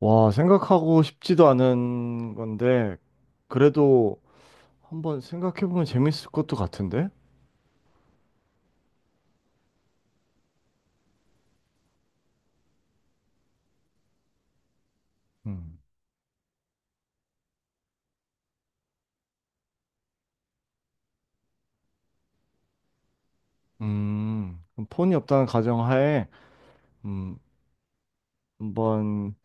와, 생각하고 싶지도 않은 건데, 그래도 한번 생각해보면 재밌을 것도 같은데? 음, 그럼 폰이 없다는 가정하에, 음, 한번,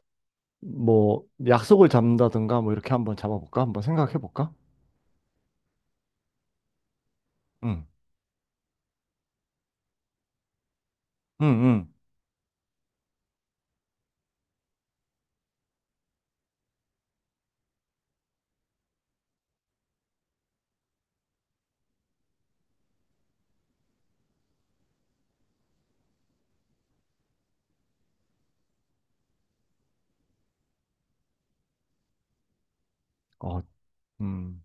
뭐, 약속을 잡는다든가, 뭐, 이렇게 한번 잡아볼까? 한번 생각해볼까? 응, 응, 응. 어, 음,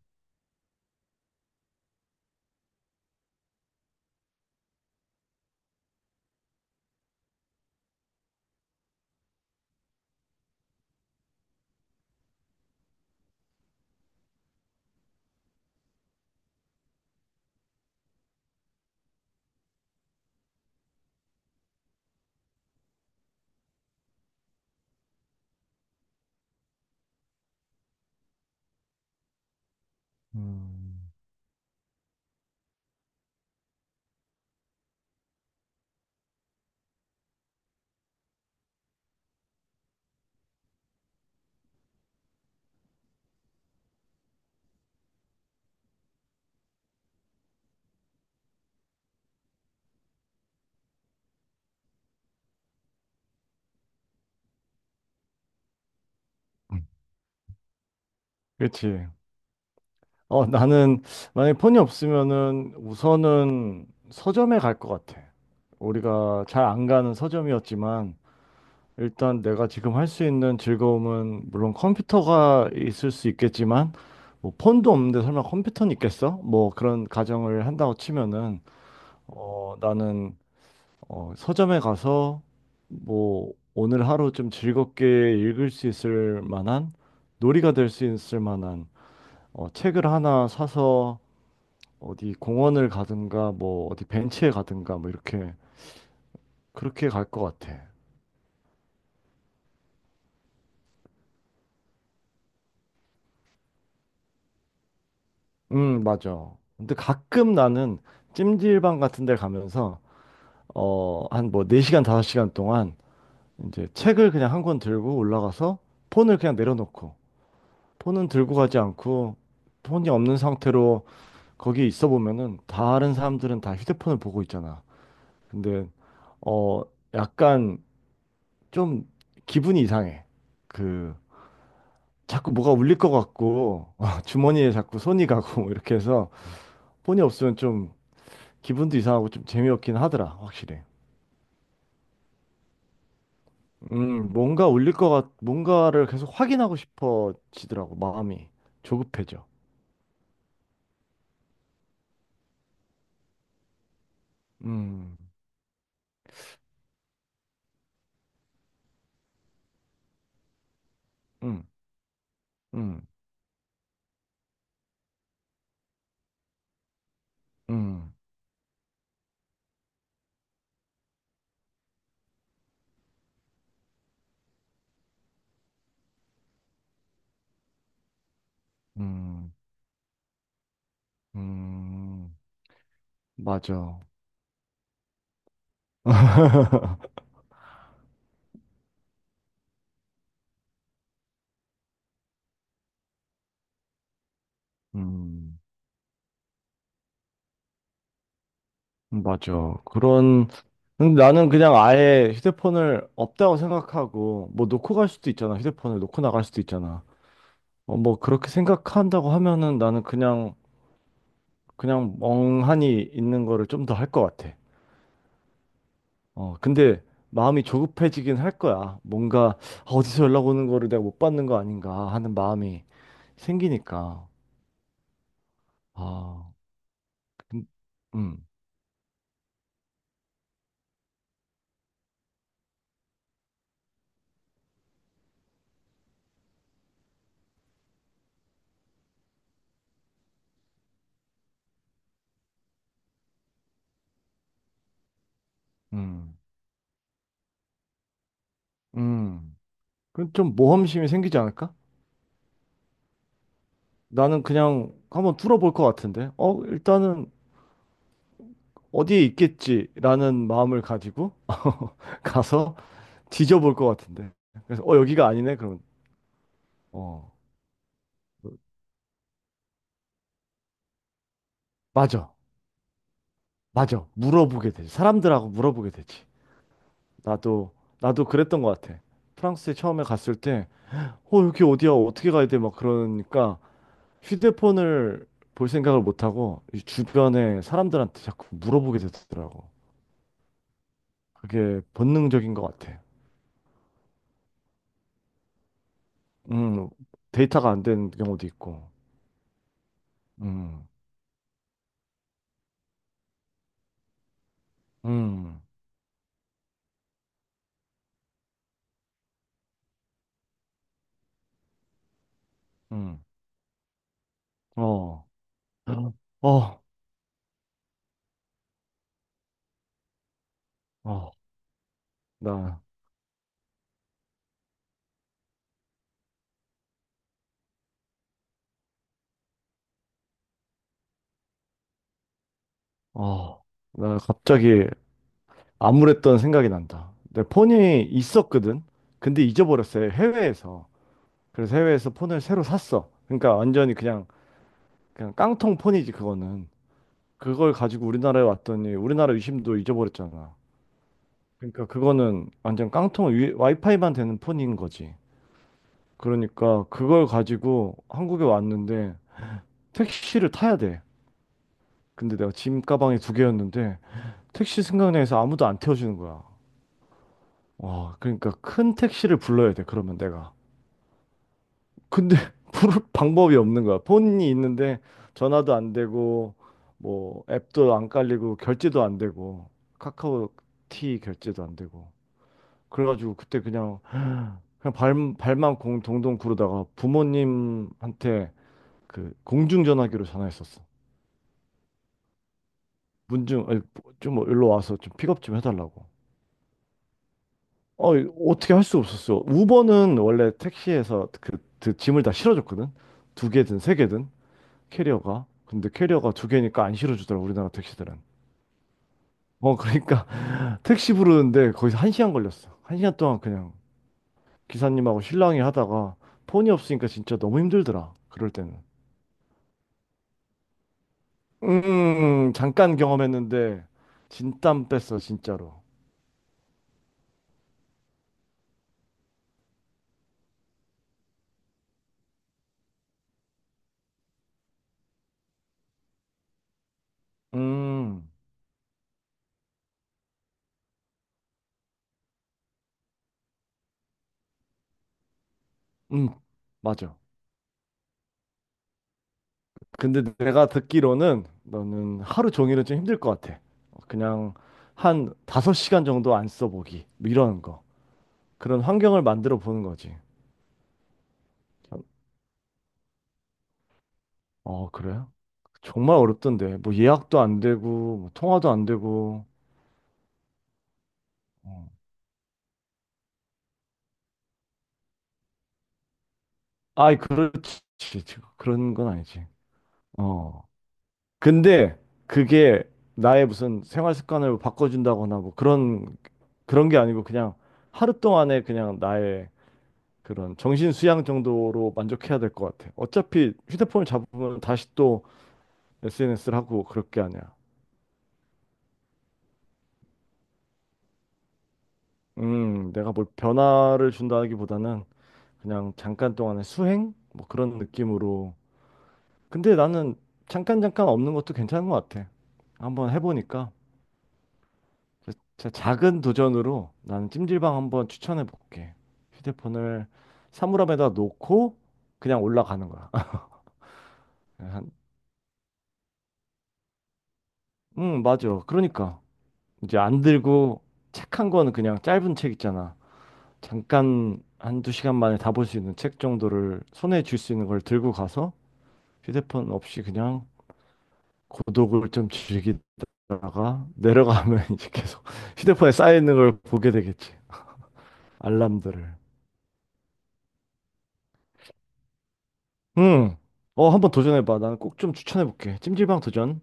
음. 음. 그렇지. 어, 나는, 만약에 폰이 없으면은, 우선은 서점에 갈 것 같아. 우리가 잘 안 가는 서점이었지만, 일단 내가 지금 할 수 있는 즐거움은 물론 컴퓨터가 있을 수 있겠지만, 뭐 폰도 없는데 설마 컴퓨터는 있겠어? 뭐 그런 가정을 한다고 치면은, 나는 서점에 가서 뭐 오늘 하루 좀 즐겁게 읽을 수 있을 만한, 놀이가 될 수 있을 만한 책을 하나 사서 어디 공원을 가든가, 뭐 어디 벤치에 가든가, 뭐 이렇게 그렇게 갈 것 같아. 맞아. 근데 가끔 나는 찜질방 같은 데 가면서, 한 뭐 4시간, 5시간 동안 이제 책을 그냥 1권 들고 올라가서 폰을 그냥 내려놓고, 폰은 들고 가지 않고, 폰이 없는 상태로 거기 있어 보면은 다른 사람들은 다 휴대폰을 보고 있잖아. 근데, 어, 약간 좀 기분이 이상해. 그, 자꾸 뭐가 울릴 것 같고, 주머니에 자꾸 손이 가고, 이렇게 해서 폰이 없으면 좀 기분도 이상하고 좀 재미없긴 하더라, 확실히. 뭔가 울릴 것 같, 뭔가를 계속 확인하고 싶어지더라고, 마음이. 조급해져. 음, 음, 음, 음, 음, 음, 맞아. 음, 맞아. 그런, 근데 나는 그냥 아예 휴대폰을 없다고 생각하고, 뭐 놓고 갈 수도 있잖아. 휴대폰을 놓고 나갈 수도 있잖아. 어, 뭐 그렇게 생각한다고 하면은 나는 그냥, 그냥 멍하니 있는 거를 좀 더 할 것 같아. 어, 근데 마음이 조급해지긴 할 거야. 뭔가, 아, 어디서 연락 오는 거를 내가 못 받는 거 아닌가 하는 마음이 생기니까. 아, 근- 음, 음, 음. 그럼 좀 모험심이 생기지 않을까? 나는 그냥 한번 뚫어볼 것 같은데. 어, 일단은 어디에 있겠지라는 마음을 가지고 가서 뒤져볼 것 같은데. 그래서 여기가 아니네? 그러면 어, 맞아, 맞아. 물어보게 되지. 사람들하고 물어보게 되지. 나도 나도 그랬던 것 같아. 프랑스에 처음에 갔을 때, 어 여기 어디야, 어떻게 가야 돼, 막 그러니까 휴대폰을 볼 생각을 못 하고 이 주변에 사람들한테 자꾸 물어보게 되더라고. 그게 본능적인 것 같아. 음 데이터가 안 되는 경우도 있고. 음 음 음 어 어 어 나 어 나 갑자기 암울했던 생각이 난다. 내 폰이 있었거든. 근데 잊어버렸어요, 해외에서. 그래서 해외에서 폰을 새로 샀어. 그러니까 완전히 그냥, 그냥 깡통 폰이지 그거는. 그걸 가지고 우리나라에 왔더니 우리나라 유심도 잊어버렸잖아. 그러니까 그거는 완전 깡통 와이파이만 되는 폰인 거지. 그러니까 그걸 가지고 한국에 왔는데 택시를 타야 돼. 근데 내가 짐 가방이 두 개였는데 택시 생각나서 아무도 안 태워주는 거야. 와, 그러니까 큰 택시를 불러야 돼, 그러면 내가. 근데 부를 방법이 없는 거야. 폰이 있는데 전화도 안 되고, 뭐 앱도 안 깔리고, 결제도 안 되고, 카카오티 결제도 안 되고. 그래가지고 그때 그냥, 그냥 발만 공 동동 구르다가 부모님한테 그 공중전화기로 전화했었어. 문중, 아니, 좀 일로 와서 좀 픽업 좀 해달라고. 어, 어떻게 할 수 없었어. 우버는 원래 택시에서 그 짐을 다 실어줬거든. 두 개든 세 개든 캐리어가. 근데 캐리어가 두 개니까 안 실어주더라, 우리나라 택시들은. 그러니까 택시 부르는데 거기서 1시간 걸렸어. 1시간 동안 그냥 기사님하고 실랑이 하다가 폰이 없으니까 진짜 너무 힘들더라, 그럴 때는. 잠깐 경험했는데 진땀 뺐어, 진짜로. 음, 음, 맞아. 근데 내가 듣기로는 너는 하루 종일은 좀 힘들 것 같아. 그냥 한 5시간 정도 안 써보기, 뭐 이런 거. 그런 환경을 만들어 보는 거지. 어, 그래? 정말 어렵던데. 뭐 예약도 안 되고, 뭐 통화도 안 되고. 어. 아이, 그렇지. 그런 건 아니지. 어. 근데 그게 나의 무슨 생활 습관을 바꿔준다거나 뭐 그런, 그런 게 아니고 그냥 하루 동안에 그냥 나의 그런 정신 수양 정도로 만족해야 될 것 같아. 어차피 휴대폰을 잡으면 다시 또 SNS를 하고 그럴 게 아니야. 내가 뭘 변화를 준다기보다는 그냥 잠깐 동안의 수행? 뭐 그런 느낌으로. 근데 나는 잠깐 잠깐 없는 것도 괜찮은 것 같아, 한번 해보니까. 그래서 진짜 작은 도전으로 나는 찜질방 한번 추천해 볼게. 휴대폰을 사물함에다 놓고 그냥 올라가는 거야. 한, 응, 맞아. 그러니까. 이제 안 들고 책 1권, 그냥 짧은 책 있잖아. 잠깐 한두 시간 만에 다 볼 수 있는 책 정도를, 손에 쥘 수 있는 걸 들고 가서 휴대폰 없이 그냥 고독을 좀 즐기다가 내려가면 이제 계속 휴대폰에 쌓여있는 걸 보게 되겠지, 알람들을. 음. 어, 한번 도전해봐. 나는 꼭 좀 추천해볼게, 찜질방 도전.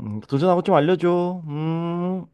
도전하고 좀 알려줘. 음.